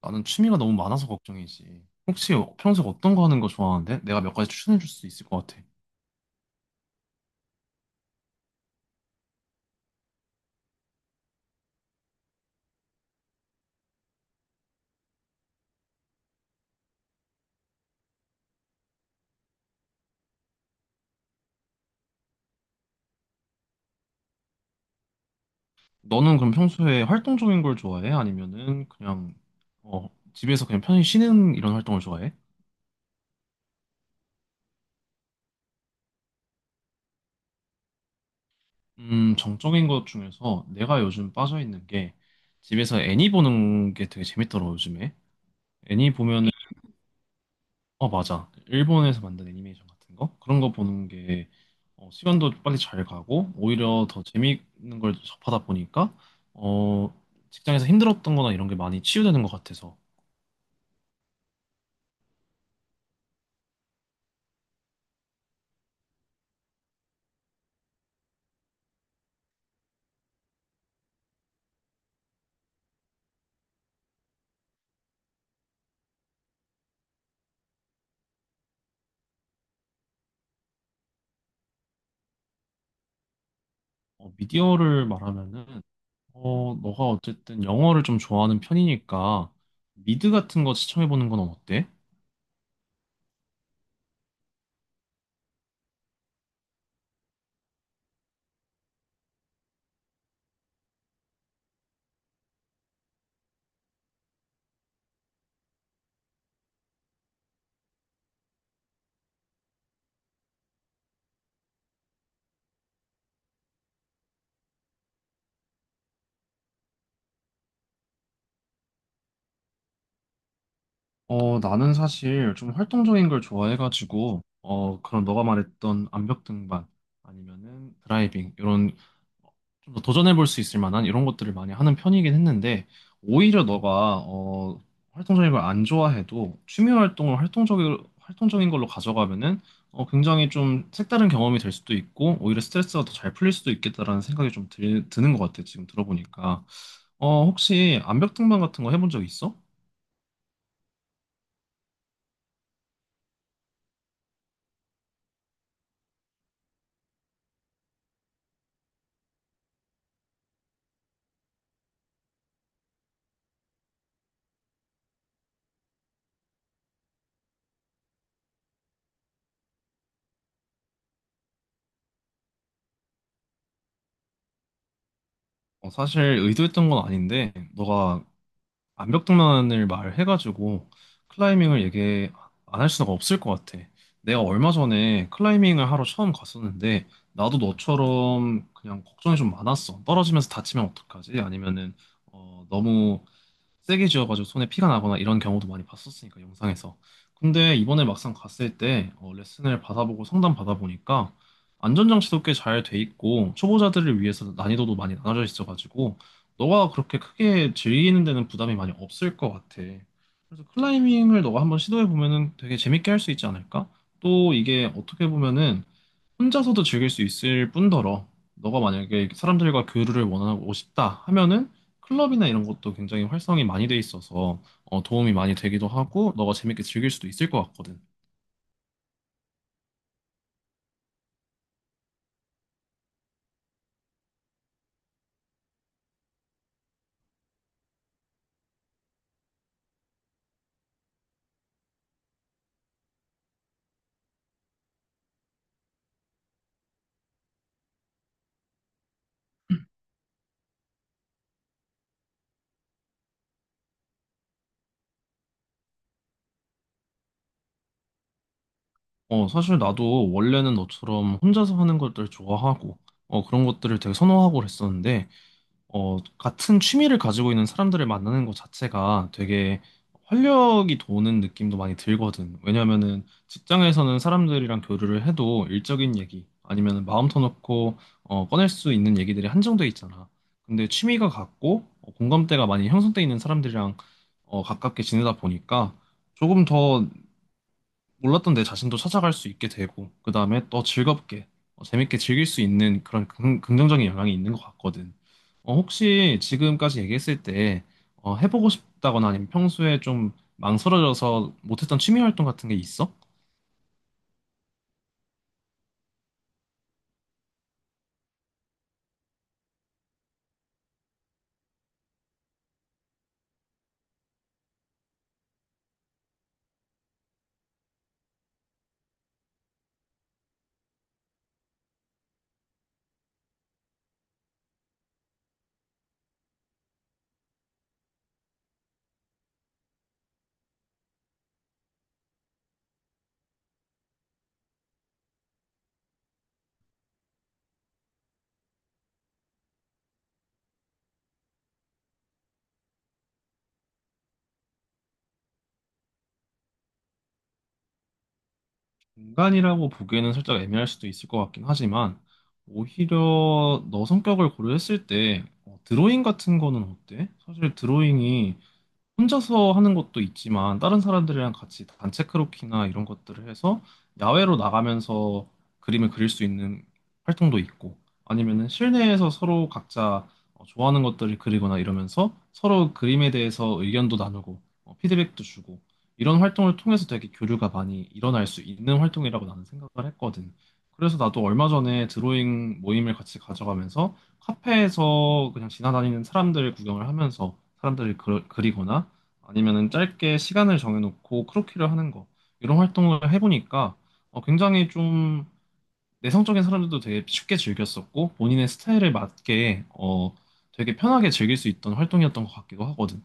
나는 취미가 너무 많아서 걱정이지. 혹시 평소에 어떤 거 하는 거 좋아하는데? 내가 몇 가지 추천해 줄 수 있을 것 같아. 너는 그럼 평소에 활동적인 걸 좋아해? 아니면은 그냥 집에서 그냥 편히 쉬는 이런 활동을 좋아해? 정적인 것 중에서 내가 요즘 빠져 있는 게 집에서 애니 보는 게 되게 재밌더라, 고 요즘에. 애니 보면 어, 맞아. 일본에서 만든 애니메이션 같은 거? 그런 거 보는 게 시간도 빨리 잘 가고 오히려 더 재미있는 걸 접하다 보니까 어, 직장에서 힘들었던 거나 이런 게 많이 치유되는 것 같아서 미디어를 말하면은 너가 어쨌든 영어를 좀 좋아하는 편이니까 미드 같은 거 시청해보는 건 어때? 나는 사실 좀 활동적인 걸 좋아해가지고 그런 너가 말했던 암벽 등반 아니면은 드라이빙 이런 좀 더 도전해볼 수 있을 만한 이런 것들을 많이 하는 편이긴 했는데, 오히려 너가 활동적인 걸 안 좋아해도 취미 활동을 활동적인 걸로 가져가면은, 굉장히 좀 색다른 경험이 될 수도 있고, 오히려 스트레스가 더 잘 풀릴 수도 있겠다라는 생각이 좀 드는 것 같아, 지금 들어보니까. 혹시 암벽등반 같은 거 해본 적 있어? 사실 의도했던 건 아닌데, 너가 암벽등반을 말해가지고 클라이밍을 얘기 안 할 수가 없을 것 같아. 내가 얼마 전에 클라이밍을 하러 처음 갔었는데 나도 너처럼 그냥 걱정이 좀 많았어. 떨어지면서 다치면 어떡하지? 아니면은 너무 세게 지어가지고 손에 피가 나거나 이런 경우도 많이 봤었으니까 영상에서. 근데 이번에 막상 갔을 때 레슨을 받아보고 상담 받아보니까 안전장치도 꽤 잘 돼 있고 초보자들을 위해서 난이도도 많이 나눠져 있어가지고 너가 그렇게 크게 즐기는 데는 부담이 많이 없을 것 같아. 그래서 클라이밍을 너가 한번 시도해 보면은 되게 재밌게 할 수 있지 않을까? 또 이게 어떻게 보면은 혼자서도 즐길 수 있을 뿐더러 너가 만약에 사람들과 교류를 원하고 싶다 하면은 클럽이나 이런 것도 굉장히 활성이 많이 돼 있어서 도움이 많이 되기도 하고 너가 재밌게 즐길 수도 있을 것 같거든. 사실 나도 원래는 너처럼 혼자서 하는 것들 좋아하고 그런 것들을 되게 선호하고 그랬었는데 같은 취미를 가지고 있는 사람들을 만나는 것 자체가 되게 활력이 도는 느낌도 많이 들거든. 왜냐면은 직장에서는 사람들이랑 교류를 해도 일적인 얘기 아니면 마음 터놓고 꺼낼 수 있는 얘기들이 한정돼 있잖아. 근데 취미가 같고 공감대가 많이 형성돼 있는 사람들이랑 가깝게 지내다 보니까 조금 더 몰랐던 내 자신도 찾아갈 수 있게 되고, 그 다음에 또 즐겁게, 재밌게 즐길 수 있는 그런 긍정적인 영향이 있는 것 같거든. 혹시 지금까지 얘기했을 때, 해보고 싶다거나 아니면 평소에 좀 망설여져서 못했던 취미 활동 같은 게 있어? 공간이라고 보기에는 살짝 애매할 수도 있을 것 같긴 하지만, 오히려 너 성격을 고려했을 때, 드로잉 같은 거는 어때? 사실 드로잉이 혼자서 하는 것도 있지만 다른 사람들이랑 같이 단체 크로키나 이런 것들을 해서 야외로 나가면서 그림을 그릴 수 있는 활동도 있고 아니면은 실내에서 서로 각자 좋아하는 것들을 그리거나 이러면서 서로 그림에 대해서 의견도 나누고 피드백도 주고 이런 활동을 통해서 되게 교류가 많이 일어날 수 있는 활동이라고 나는 생각을 했거든. 그래서 나도 얼마 전에 드로잉 모임을 같이 가져가면서 카페에서 그냥 지나다니는 사람들 구경을 하면서 사람들을 그리거나 아니면은 짧게 시간을 정해놓고 크로키를 하는 거 이런 활동을 해보니까 굉장히 좀 내성적인 사람들도 되게 쉽게 즐겼었고 본인의 스타일에 맞게 되게 편하게 즐길 수 있던 활동이었던 것 같기도 하거든.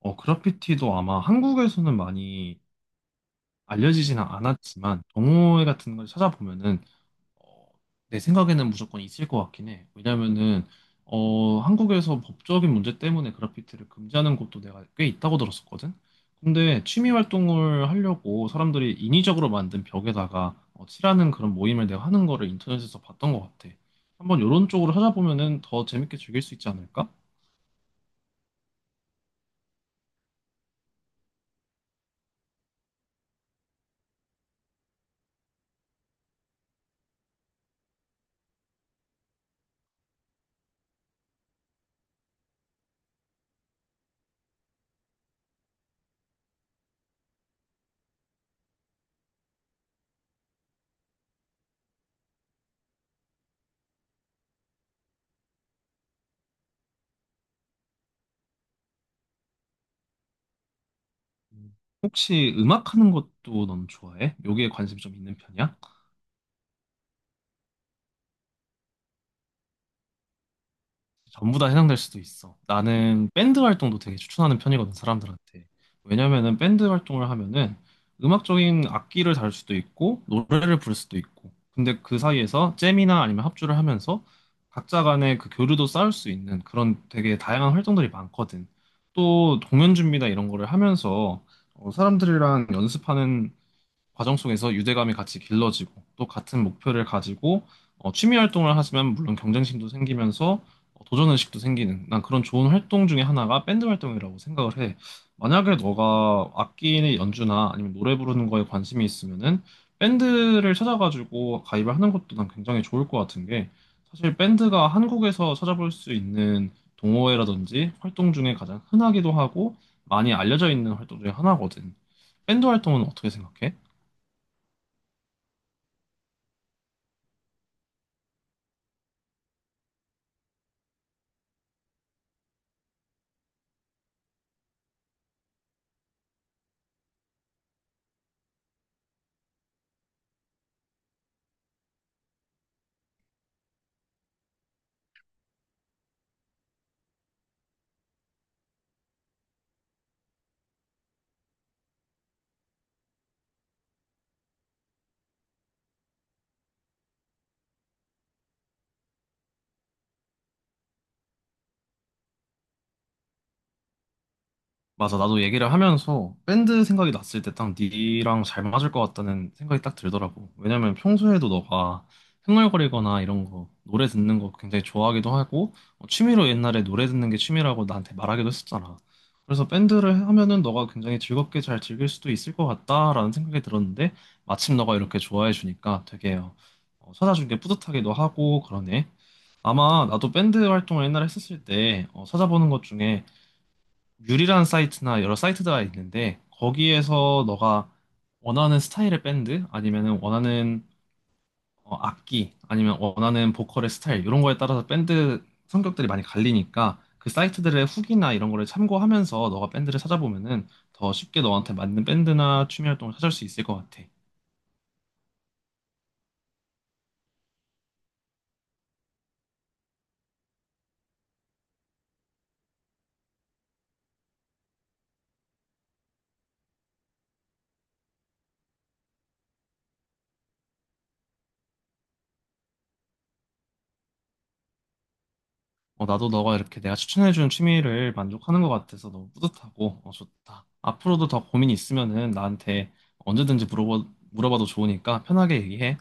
그래피티도 아마 한국에서는 많이 알려지지는 않았지만 동호회 같은 걸 찾아보면은 어, 내 생각에는 무조건 있을 것 같긴 해. 왜냐면은 한국에서 법적인 문제 때문에 그래피티를 금지하는 곳도 내가 꽤 있다고 들었었거든. 근데 취미 활동을 하려고 사람들이 인위적으로 만든 벽에다가 칠하는 그런 모임을 내가 하는 거를 인터넷에서 봤던 것 같아. 한번 이런 쪽으로 찾아보면은 더 재밌게 즐길 수 있지 않을까? 음. 혹시 음악 하는 것도 넌 좋아해? 여기에 관심 좀 있는 편이야? 전부 다 해당될 수도 있어. 나는 밴드 활동도 되게 추천하는 편이거든, 사람들한테. 왜냐면은 밴드 활동을 하면은 음악적인 악기를 다룰 수도 있고, 노래를 부를 수도 있고. 근데 그 사이에서 잼이나 아니면 합주를 하면서 각자 간의 그 교류도 쌓을 수 있는 그런 되게 다양한 활동들이 많거든. 또 공연 준비나 이런 거를 하면서 사람들이랑 연습하는 과정 속에서 유대감이 같이 길러지고 또 같은 목표를 가지고 취미 활동을 하시면 물론 경쟁심도 생기면서 도전의식도 생기는 난 그런 좋은 활동 중에 하나가 밴드 활동이라고 생각을 해. 만약에 너가 악기 연주나 아니면 노래 부르는 거에 관심이 있으면은 밴드를 찾아가지고 가입을 하는 것도 난 굉장히 좋을 것 같은 게 사실 밴드가 한국에서 찾아볼 수 있는 동호회라든지 활동 중에 가장 흔하기도 하고 많이 알려져 있는 활동 중에 하나거든. 밴드 활동은 어떻게 생각해? 맞아. 나도 얘기를 하면서 밴드 생각이 났을 때 딱 니랑 잘 맞을 것 같다는 생각이 딱 들더라고. 왜냐면 평소에도 너가 흥얼거리거나 이런 거, 노래 듣는 거 굉장히 좋아하기도 하고, 취미로 옛날에 노래 듣는 게 취미라고 나한테 말하기도 했었잖아. 그래서 밴드를 하면은 너가 굉장히 즐겁게 잘 즐길 수도 있을 것 같다라는 생각이 들었는데, 마침 너가 이렇게 좋아해 주니까 되게 찾아준 게 뿌듯하기도 하고 그러네. 아마 나도 밴드 활동을 옛날에 했었을 때 찾아보는 것 중에 유리란 사이트나 여러 사이트가 있는데 거기에서 너가 원하는 스타일의 밴드 아니면은 원하는 악기 아니면 원하는 보컬의 스타일 이런 거에 따라서 밴드 성격들이 많이 갈리니까 그 사이트들의 후기나 이런 거를 참고하면서 너가 밴드를 찾아보면은 더 쉽게 너한테 맞는 밴드나 취미 활동을 찾을 수 있을 것 같아. 나도 너가 이렇게 내가 추천해주는 취미를 만족하는 것 같아서 너무 뿌듯하고 좋다. 앞으로도 더 고민이 있으면은 나한테 언제든지 물어봐, 물어봐도 좋으니까 편하게 얘기해.